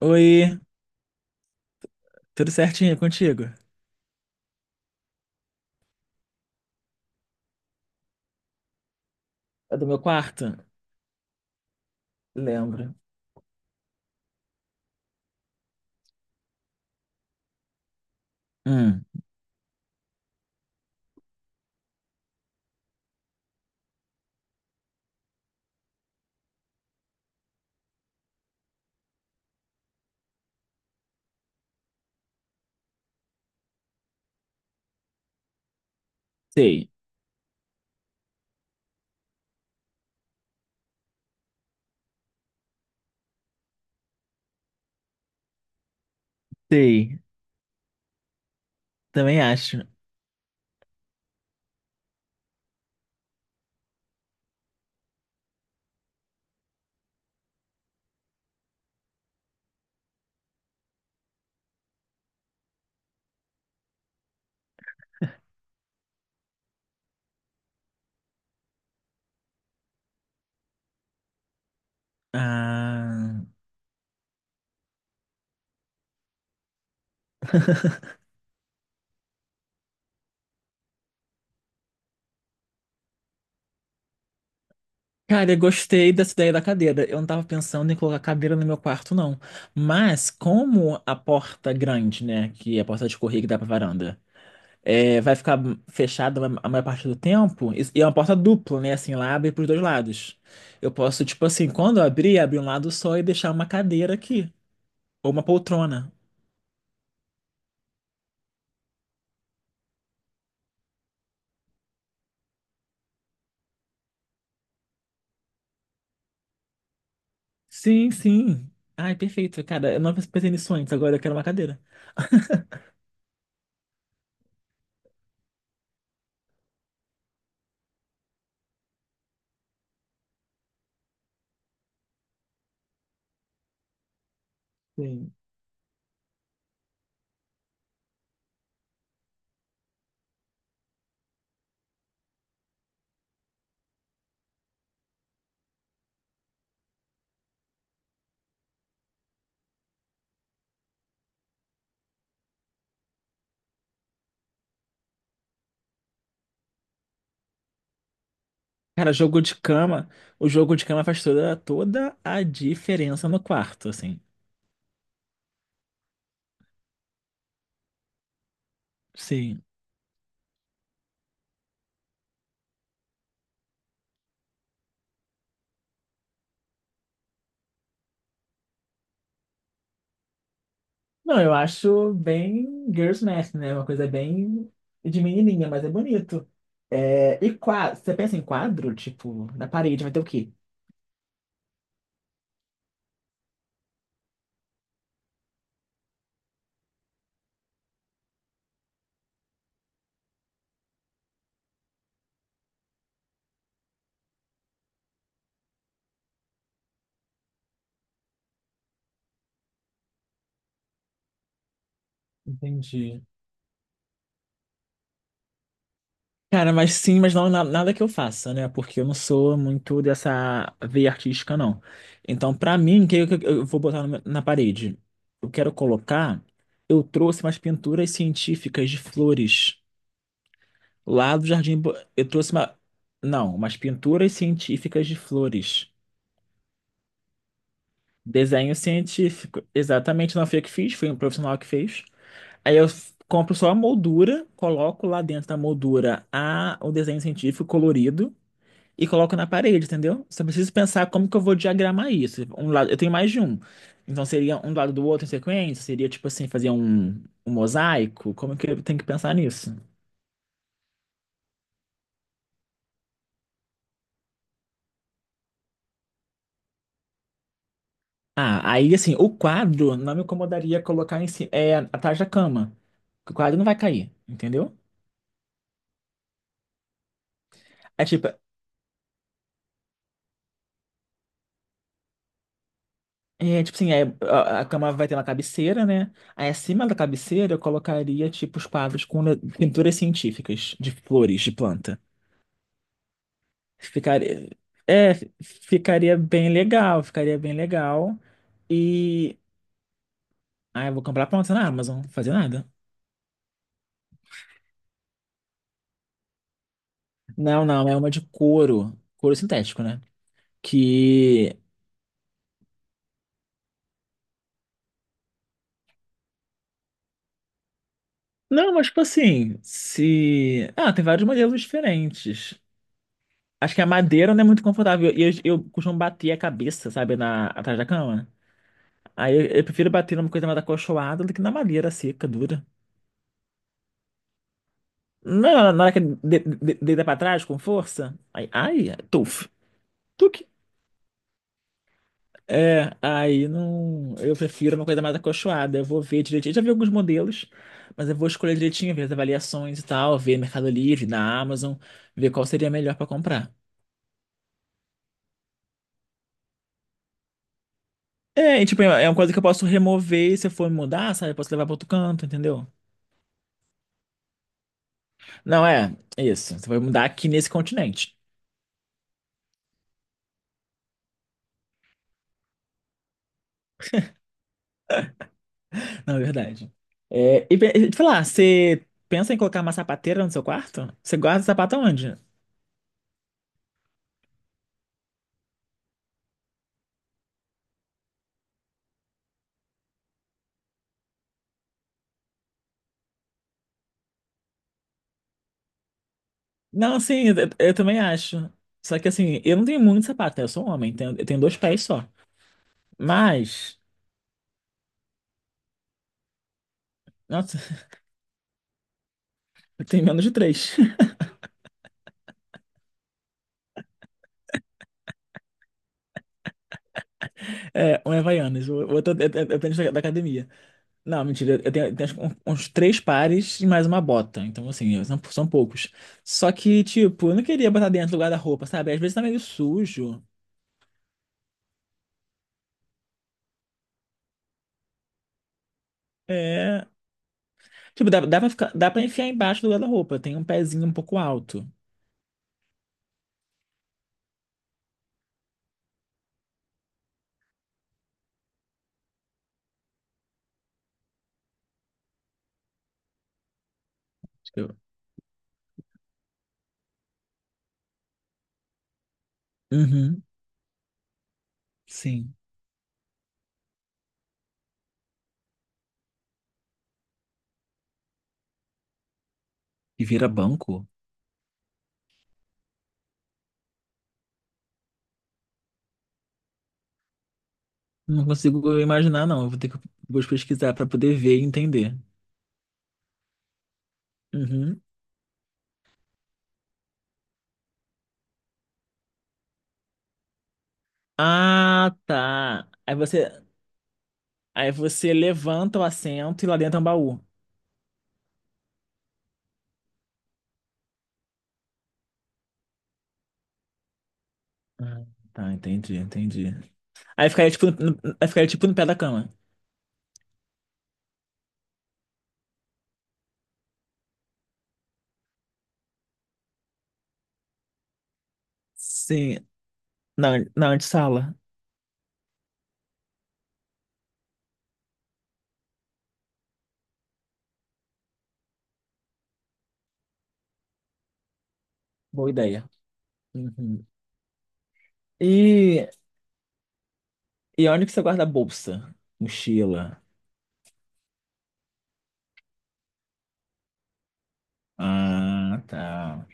Oi, tudo certinho contigo? É do meu quarto? Lembro. Hum, sei, sei. Também acho. Ah. Cara, eu gostei dessa ideia da cadeira. Eu não tava pensando em colocar cadeira no meu quarto, não. Mas como a porta grande, né, que é a porta de correr que dá pra varanda, é, vai ficar fechada a maior parte do tempo, e é uma porta dupla, né, assim, lá abre pros dois lados. Eu posso, tipo assim, quando eu abrir, abrir um lado só e deixar uma cadeira aqui, ou uma poltrona. Sim, sim. Ai, perfeito. Cara, eu não pensei nisso antes, agora eu quero uma cadeira. Sim. Cara, jogo de cama. O jogo de cama faz toda, toda a diferença no quarto, assim. Sim. Não, eu acho bem girls' math, né? Uma coisa bem de menininha, mas é bonito. É, e quadro, você pensa em quadro, tipo, na parede vai ter o quê? Entendi. Cara, mas sim, mas não nada que eu faça, né? Porque eu não sou muito dessa veia artística, não. Então, pra mim, o que eu vou botar no na parede? Eu quero colocar. Eu trouxe umas pinturas científicas de flores lá do Jardim. Eu trouxe uma. Não, umas pinturas científicas de flores. Desenho científico. Exatamente, não foi eu que fiz, foi um profissional que fez. Aí eu compro só a moldura, coloco lá dentro da moldura a, o desenho científico colorido. E coloco na parede, entendeu? Só preciso pensar como que eu vou diagramar isso. Um lado, eu tenho mais de um. Então seria um do lado do outro em sequência? Seria tipo assim, fazer um, um mosaico? Como que eu tenho que pensar nisso? Ah, aí assim, o quadro não me incomodaria colocar em cima, é, atrás da cama. Porque o quadro não vai cair, entendeu? É tipo, é, tipo assim, é, a cama vai ter uma cabeceira, né? Aí acima da cabeceira eu colocaria tipo os quadros com pinturas científicas de flores, de planta. Ficaria, é, ficaria bem legal, ficaria bem legal. E, ah, eu vou comprar pronta na Amazon, não vou fazer nada. Não, não, é uma de couro, couro sintético, né? Que, não, mas tipo assim, se, ah, tem vários modelos diferentes. Acho que a madeira não é muito confortável e eu costumo bater a cabeça, sabe, na, atrás da cama. Aí eu prefiro bater numa coisa mais acolchoada do que na madeira seca, dura. Não, na hora que deita pra trás com força, aí, ai, tuf. É, aí não. Eu prefiro uma coisa mais acolchoada. Eu vou ver direitinho. Eu já vi alguns modelos, mas eu vou escolher direitinho, ver as avaliações e tal, ver Mercado Livre, na Amazon, ver qual seria melhor pra comprar. É, e, tipo, é uma coisa que eu posso remover se eu for mudar, sabe? Eu posso levar pra outro canto, entendeu? Não, é, é isso. Você vai mudar aqui nesse continente, na verdade. É, e e te falar, você pensa em colocar uma sapateira no seu quarto? Você guarda o sapato aonde? Não, sim, eu também acho. Só que assim, eu não tenho muito sapato, né? Eu sou um homem, eu tenho 2 pés só. Mas, nossa, eu tenho menos de 3. É, um é Havaianas, o outro é é tênis da, da academia. Não, mentira, eu tenho acho uns 3 pares e mais uma bota. Então, assim, são, são poucos. Só que, tipo, eu não queria botar dentro do guarda-roupa, sabe? Às vezes tá meio sujo. É. Tipo, dá, dá pra ficar, dá pra enfiar embaixo do guarda-roupa. Tem um pezinho um pouco alto. Eu- Uhum, sim. E vira banco? Não consigo imaginar, não. Eu vou ter que vou pesquisar para poder ver e entender. Uhum. Ah, tá. Aí você levanta o assento e lá dentro é um baú. Ah, tá, entendi, entendi. Aí ficaria tipo, no, aí ficaria tipo no pé da cama. Sim, na, na antessala. Boa ideia. Uhum. E, e onde que você guarda a bolsa? Mochila. Ah, tá.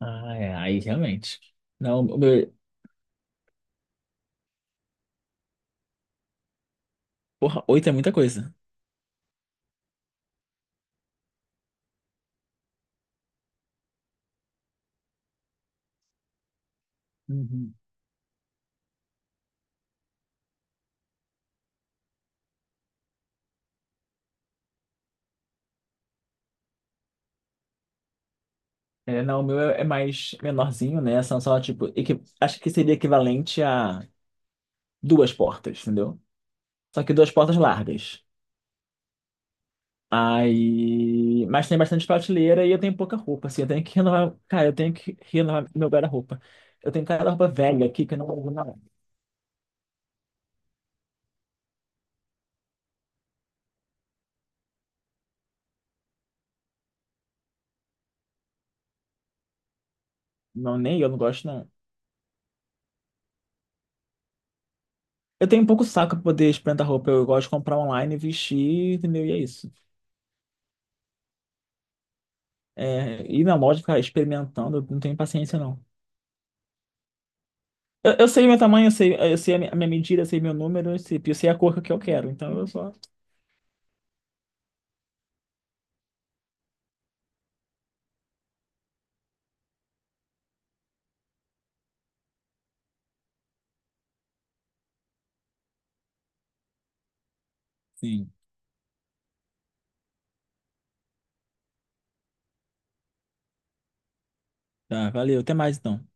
Ah, é, aí realmente. Não, o meu, porra, 8 é muita coisa. Uhum. É, não, o meu é é mais menorzinho, né? São só, tipo, acho que seria equivalente a duas portas, entendeu? Só que duas portas largas. Aí. Mas tem bastante prateleira e eu tenho pouca roupa, assim. Eu tenho que renovar. Cara, eu tenho que renovar meu guarda-roupa. Eu tenho cada roupa velha aqui que eu não uso, não. Não, nem eu não gosto, não. Eu tenho um pouco saco pra poder experimentar roupa. Eu gosto de comprar online, vestir, entendeu? E é isso. É, ir na loja ficar experimentando, eu não tenho paciência, não. Eu sei meu tamanho, eu sei a a minha medida, eu sei meu número, eu sei a cor que eu quero. Então eu só. Sim. Tá, valeu. Até mais então.